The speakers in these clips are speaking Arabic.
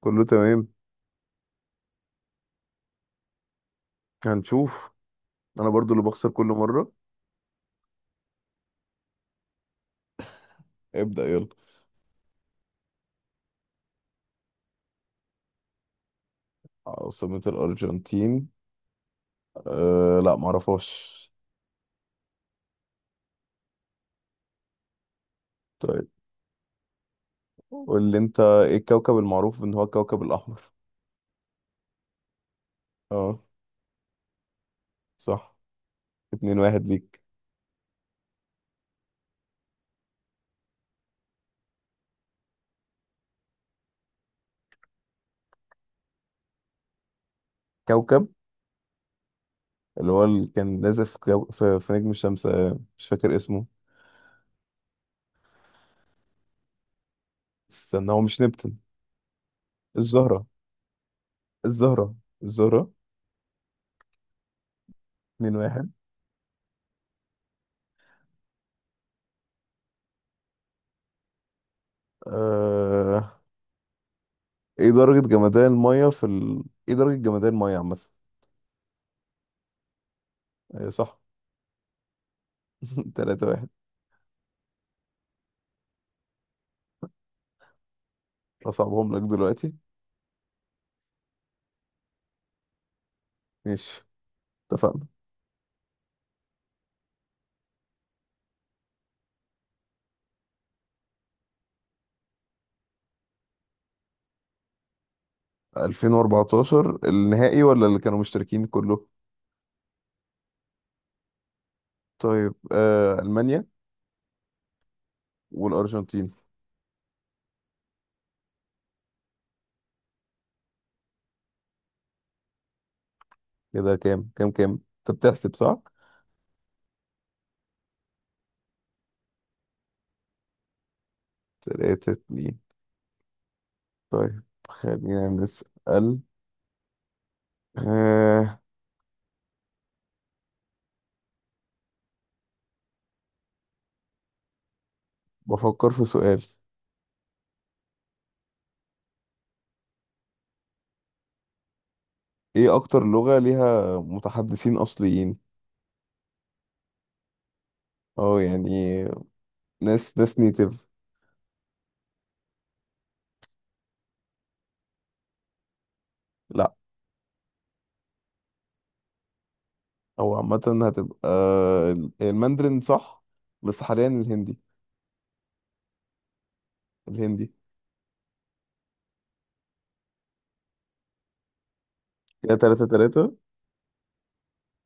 كله تمام. هنشوف. انا برضو اللي بخسر كل مرة. ابدأ يلا. عاصمة الأرجنتين، لا معرفهاش. طيب، قول لي انت ايه الكوكب المعروف ان هو الكوكب الأحمر؟ اه، صح. 2-1 ليك. كوكب اللي هو اللي كان نازل في نجم الشمس، مش فاكر اسمه. استنى، هو مش نبتون؟ الزهرة، الزهرة، الزهرة. 2-1. أه... ايه درجة جمدان المية في ال... ايه درجة جمدان المية عامة؟ أيوة، صح. 3-1. اصعبهم لك دلوقتي. ماشي، اتفقنا. 2014 النهائي ولا اللي كانوا مشتركين كله؟ طيب، المانيا والارجنتين. كده كام كام كام؟ انت بتحسب صح؟ 3-2. طيب، خلينا نسأل. آه بفكر في سؤال. ايه اكتر لغة ليها متحدثين اصليين؟ اه يعني ناس نيتيف. لا. هو عامة هتبقى الماندرين، صح؟ بس حاليا الهندي. الهندي. كده 3-3.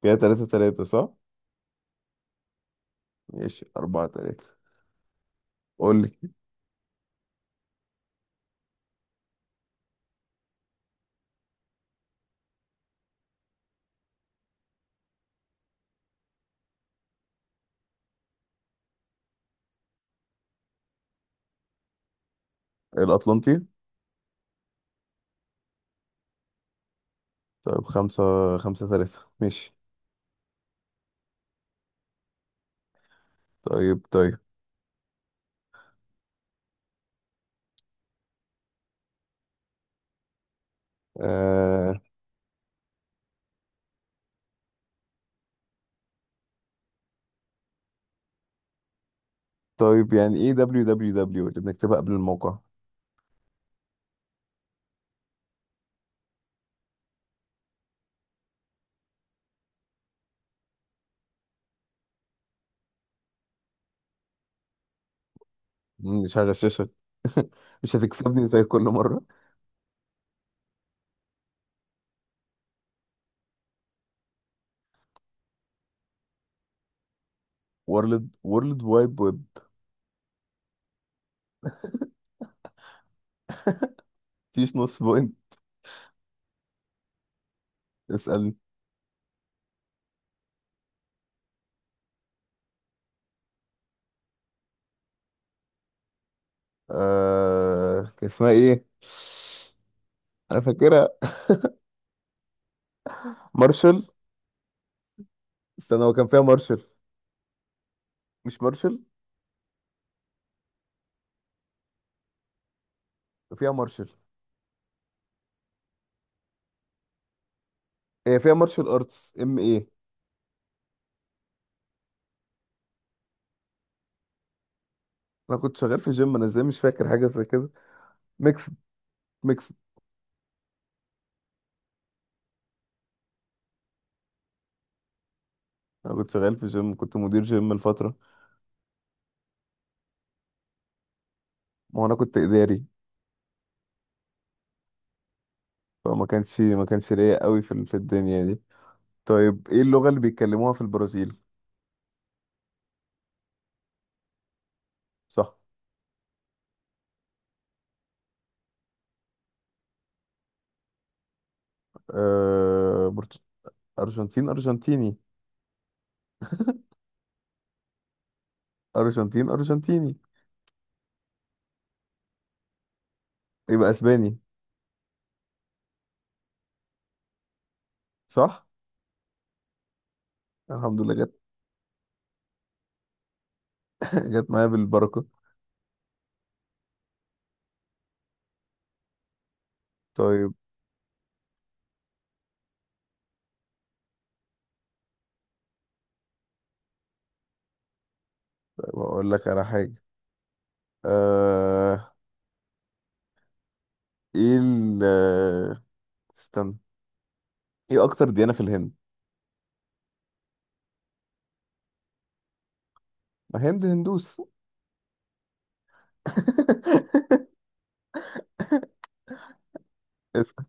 كده 3-3، صح؟ ماشي، 4-3. قول لي. الأطلنطي. طيب، خمسة. 5-3 ماشي. طيب، طيب. آه طيب، يعني إيه دبليو دبليو دبليو اللي بنكتبها قبل الموقع؟ مش هغششك. مش هتكسبني زي كل مرة. وورلد وايد ويب. مفيش نص بوينت. اسألني. كان اسمها إيه؟ أنا فاكرها. مارشل. استنى، هو كان فيها مارشل. مش مارشل. فيها مارشل. هي فيها مارشل ارتس. ام ايه. انا كنت شغال في جيم. انا ازاي مش فاكر حاجه زي كده؟ ميكس. ميكس. انا كنت شغال في جيم، كنت مدير جيم لفتره. ما هو انا كنت اداري. فما كانش ما كانش ليا قوي في الدنيا دي. طيب، ايه اللغه اللي بيتكلموها في البرازيل؟ صح. آه... برت- ارجنتين ارجنتيني. ارجنتين ارجنتيني. يبقى اسباني. صح. الحمد لله جت. جت معايا بالبركه. طيب. بقول لك على حاجه. آه... ايه ال آه، استنى. ايه اكتر ديانه في الهند؟ ما هند هندوس. اسأل.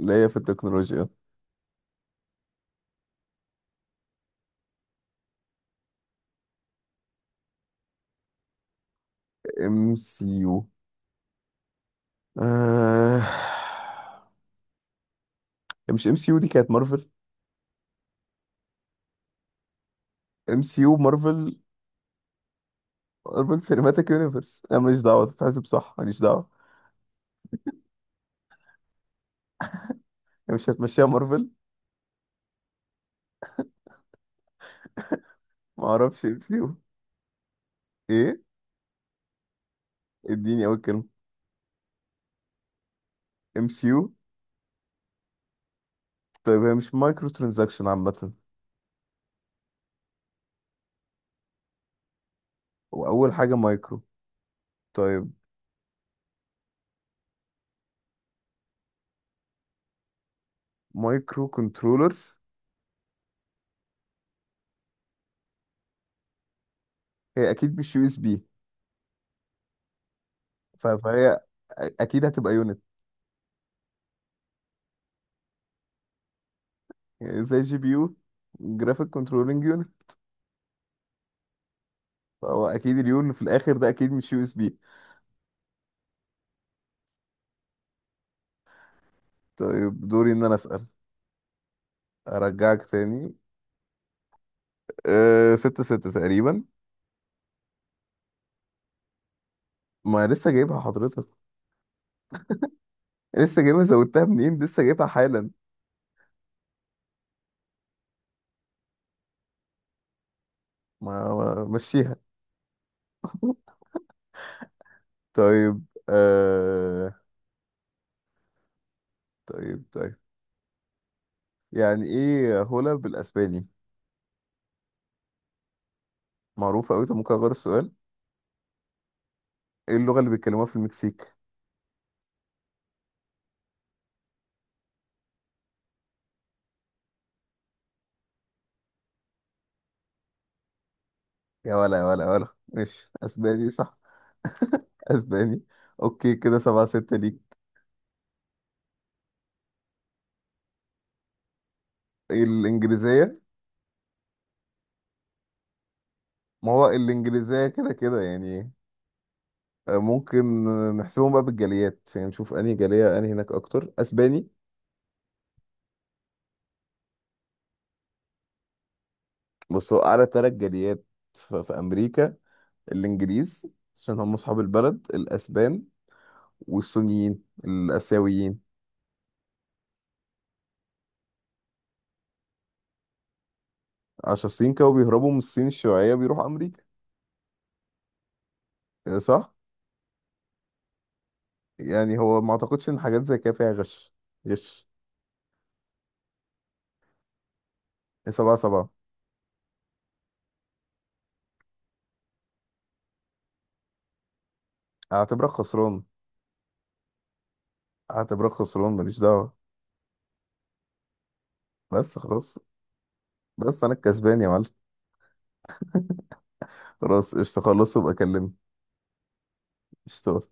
اللي هي في التكنولوجيا. ام سي يو. آه... مش ام سي يو دي كانت مارفل؟ ام سي يو مارفل. مارفل سينماتيك يونيفرس. انا ماليش دعوه تتحسب، صح، ماليش دعوه. يعني مش هتمشيها مارفل؟ ما اعرفش ام سي يو. ايه؟ اديني اول كلمه. ام سي يو. طيب، هي مش مايكرو ترانزاكشن عامه؟ واول حاجه مايكرو. طيب. مايكرو كنترولر. هي اكيد مش يو اس بي، فهي اكيد هتبقى يونت. زي جي بي يو. جرافيك كنترولينج يونت. فهو اكيد اليو اللي في الاخر ده اكيد مش يو اس بي. طيب، دوري ان انا اسال. ارجعك تاني. 6-6 تقريبا. ما لسه جايبها حضرتك. لسه جايبها، زودتها منين؟ لسه جايبها حالا. ما مشيها. طيب، طيب، طيب. يعني ايه هولا بالاسباني؟ معروفة قوي. طب ممكن اغير السؤال. ايه اللغة اللي بيتكلموها في المكسيك؟ يا ولا يا ولا يا ولا ماشي، اسباني صح. اسباني. اوكي، كده 7-6 ليك. الإنجليزية. ما هو الإنجليزية كده كده يعني. ممكن نحسبهم بقى بالجاليات، يعني نشوف أنهي جالية أنهي هناك أكتر. أسباني. بص، هو أعلى تلات جاليات في أمريكا. الإنجليز، عشان هم أصحاب البلد. الأسبان والصينيين الآسيويين، عشان الصين كانوا بيهربوا من الصين الشيوعية بيروحوا أمريكا. آه، صح؟ يعني هو ما أعتقدش إن حاجات زي كده فيها غش. غش. إيه، 7-7. أعتبرك خسران. أعتبرك خسران، ماليش دعوة. بس خلاص. بس أنا الكسبان يا معلم. خلاص، قشطة. خلص وابقى كلمني. قشطة.